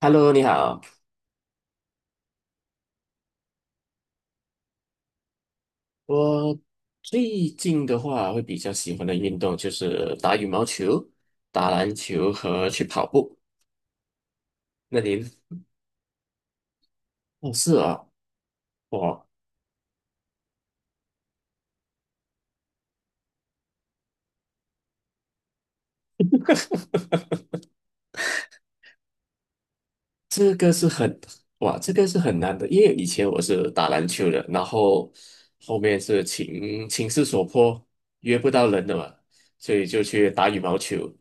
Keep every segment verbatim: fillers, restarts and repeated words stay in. Hello，你好。我最近的话会比较喜欢的运动就是打羽毛球、打篮球和去跑步。那您呢？哦，是啊，哇，这个是很，哇，这个是很难的，因为以前我是打篮球的，然后后面是情情势所迫，约不到人了嘛，所以就去打羽毛球。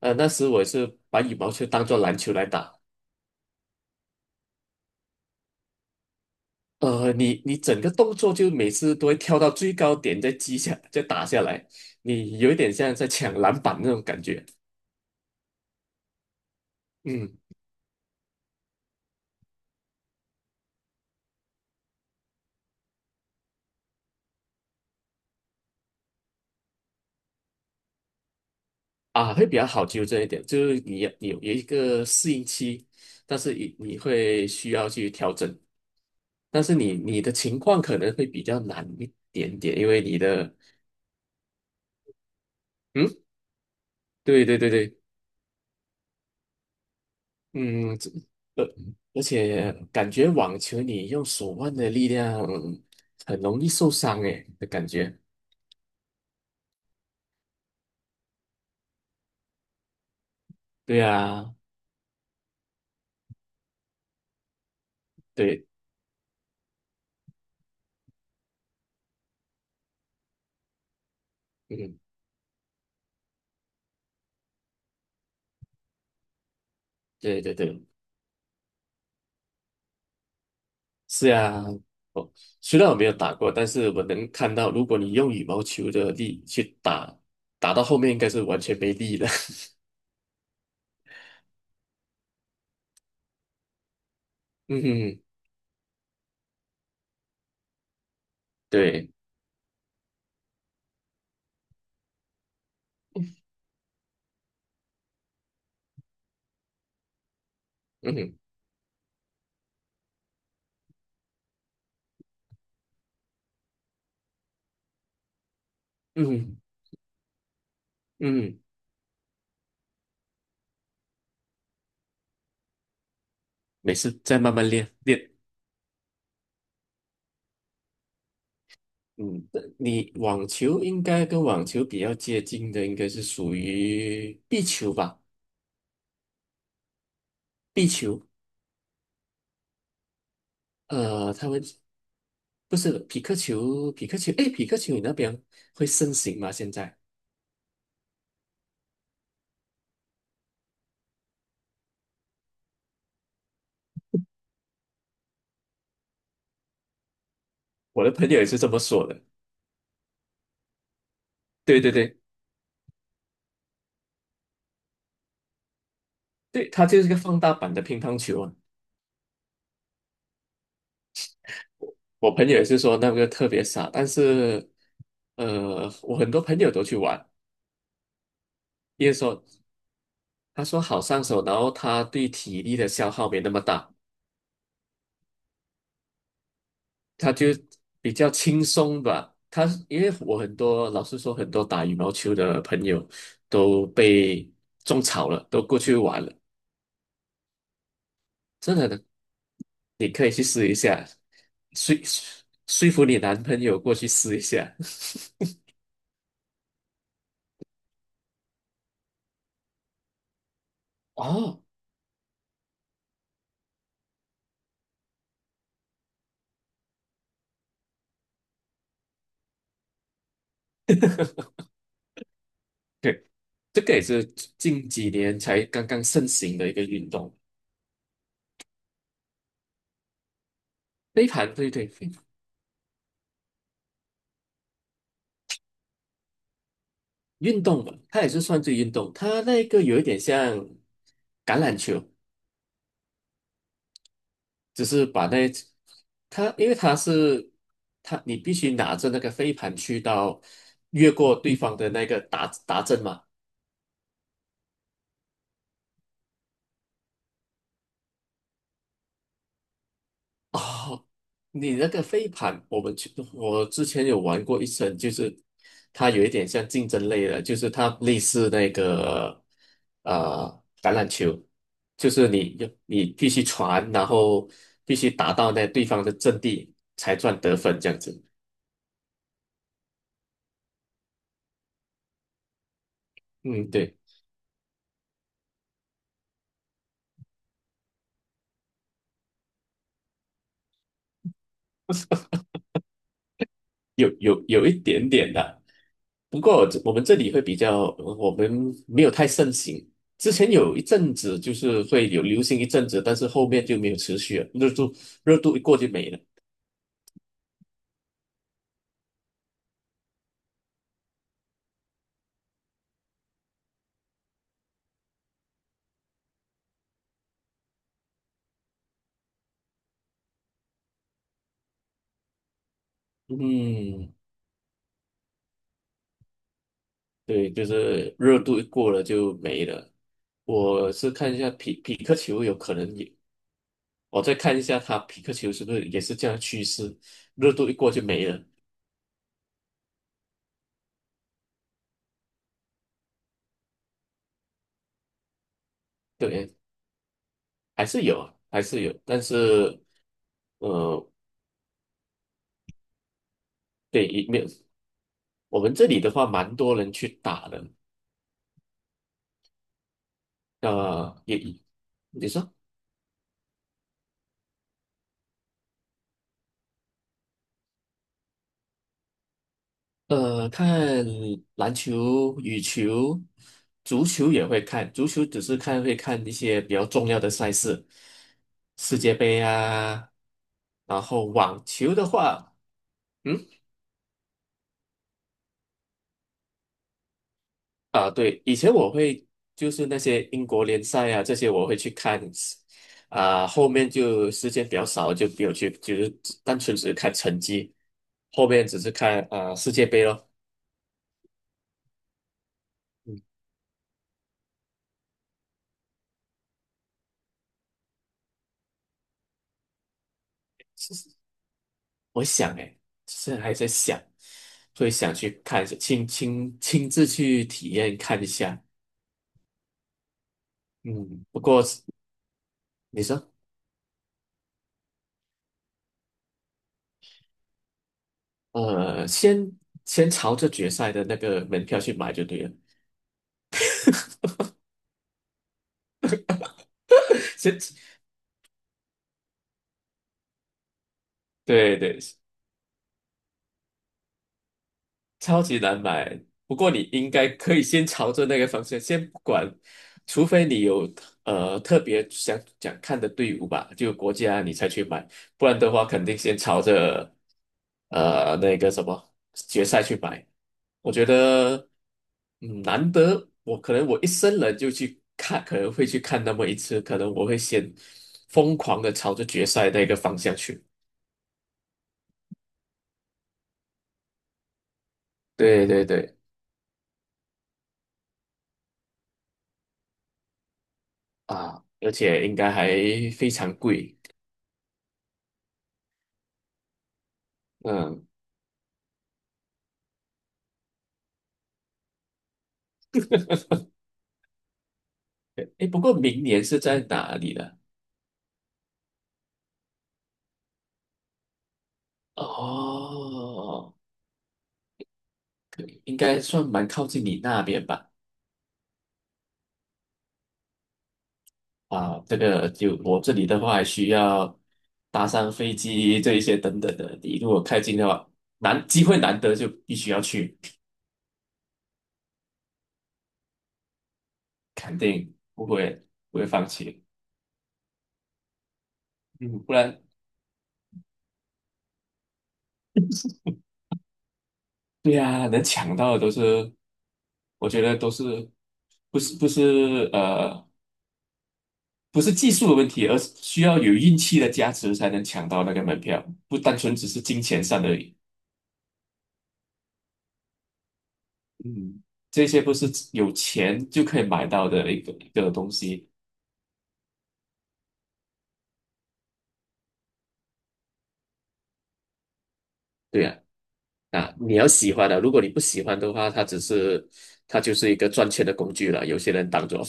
呃，那时我是把羽毛球当做篮球来打。呃，你你整个动作就每次都会跳到最高点，再击下，再打下来，你有一点像在抢篮板那种感觉。嗯。啊，会比较好纠正一点，就是你你有一个适应期，但是你你会需要去调整，但是你你的情况可能会比较难一点点，因为你的，嗯，对对对对，嗯，这呃，而且感觉网球你用手腕的力量很容易受伤诶的感觉，对啊。对，嗯，对对对，是呀。哦，虽然我没有打过，但是我能看到，如果你用羽毛球的力去打，打到后面应该是完全没力了。嗯哼，对，嗯哼嗯哼嗯，没事，再慢慢练练。嗯，你网球应该跟网球比较接近的，应该是属于壁球吧？壁球，呃，他们不是匹克球，匹克球，诶，匹克球你那边会盛行吗？现在我的朋友也是这么说的。对对对对，它就是一个放大版的乒乓球啊。我朋友也是说那个特别傻，但是呃，我很多朋友都去玩，因为说他说好上手，然后他对体力的消耗没那么大，他就比较轻松吧。他因为我很多老实说，很多打羽毛球的朋友都被种草了，都过去玩了，真的的，你可以去试一下，说说服你男朋友过去试一下。哦，对，这个也是近几年才刚刚盛行的一个运动。飞盘，对对对，运动嘛，它也是算是运动，它那个有一点像橄榄球，只是把那它，因为它是它，你必须拿着那个飞盘去到越过对方的那个达达阵嘛。哦，你那个飞盘，我们去，我之前有玩过一次，就是它有一点像竞争类的，就是它类似那个呃橄榄球，就是你你必须传，然后必须达到那对方的阵地才算得分这样子。嗯，对。有有有一点点的，不过我们这里会比较，我们没有太盛行。之前有一阵子就是会有流行一阵子，但是后面就没有持续了，热度热度一过就没了。嗯，对，就是热度一过了就没了。我是看一下匹匹克球有可能也，我再看一下它匹克球是不是也是这样的趋势，热度一过就没了。对，还是有，还是有，但是呃，对，也没有。我们这里的话，蛮多人去打的。呃，也你说，呃，看篮球、羽球、足球也会看，足球只是看会看一些比较重要的赛事，世界杯啊。然后网球的话，嗯。啊，对，以前我会就是那些英国联赛啊，这些我会去看，啊，后面就时间比较少，就没有去，就是单纯只是看成绩，后面只是看啊世界杯咯。嗯，我想诶，现在还在想，会想去看一下，亲亲亲自去体验看一下。嗯，不过你说，呃，先先朝着决赛的那个门票去买就对了。先，对对，超级难买。不过你应该可以先朝着那个方向，先不管，除非你有呃特别想想看的队伍吧，就国家你才去买，不然的话肯定先朝着呃那个什么决赛去买。我觉得嗯难得，我可能我一生人就去看，可能会去看那么一次，可能我会先疯狂的朝着决赛那个方向去。对对对，啊，而且应该还非常贵。嗯，哎，不过明年是在哪里呢？哦，应该算蛮靠近你那边吧？啊，这个就我这里的话，还需要搭上飞机这一些等等的。你如果开进的话，难，机会难得，就必须要去，肯定不会不会放弃。嗯，不然，对呀、能抢到的都是，我觉得都是不是不是呃不是技术的问题，而是需要有运气的加持才能抢到那个门票，不单纯只是金钱上的，嗯，这些不是有钱就可以买到的一个一个东西。对啊，啊，你要喜欢的，如果你不喜欢的话，它只是它就是一个赚钱的工具了，有些人当做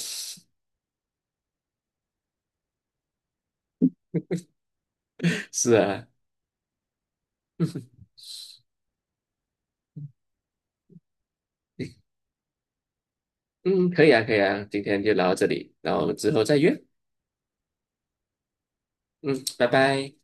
是啊，嗯，可以啊，可以啊，今天就聊到这里，然后我们之后再约，嗯，拜拜。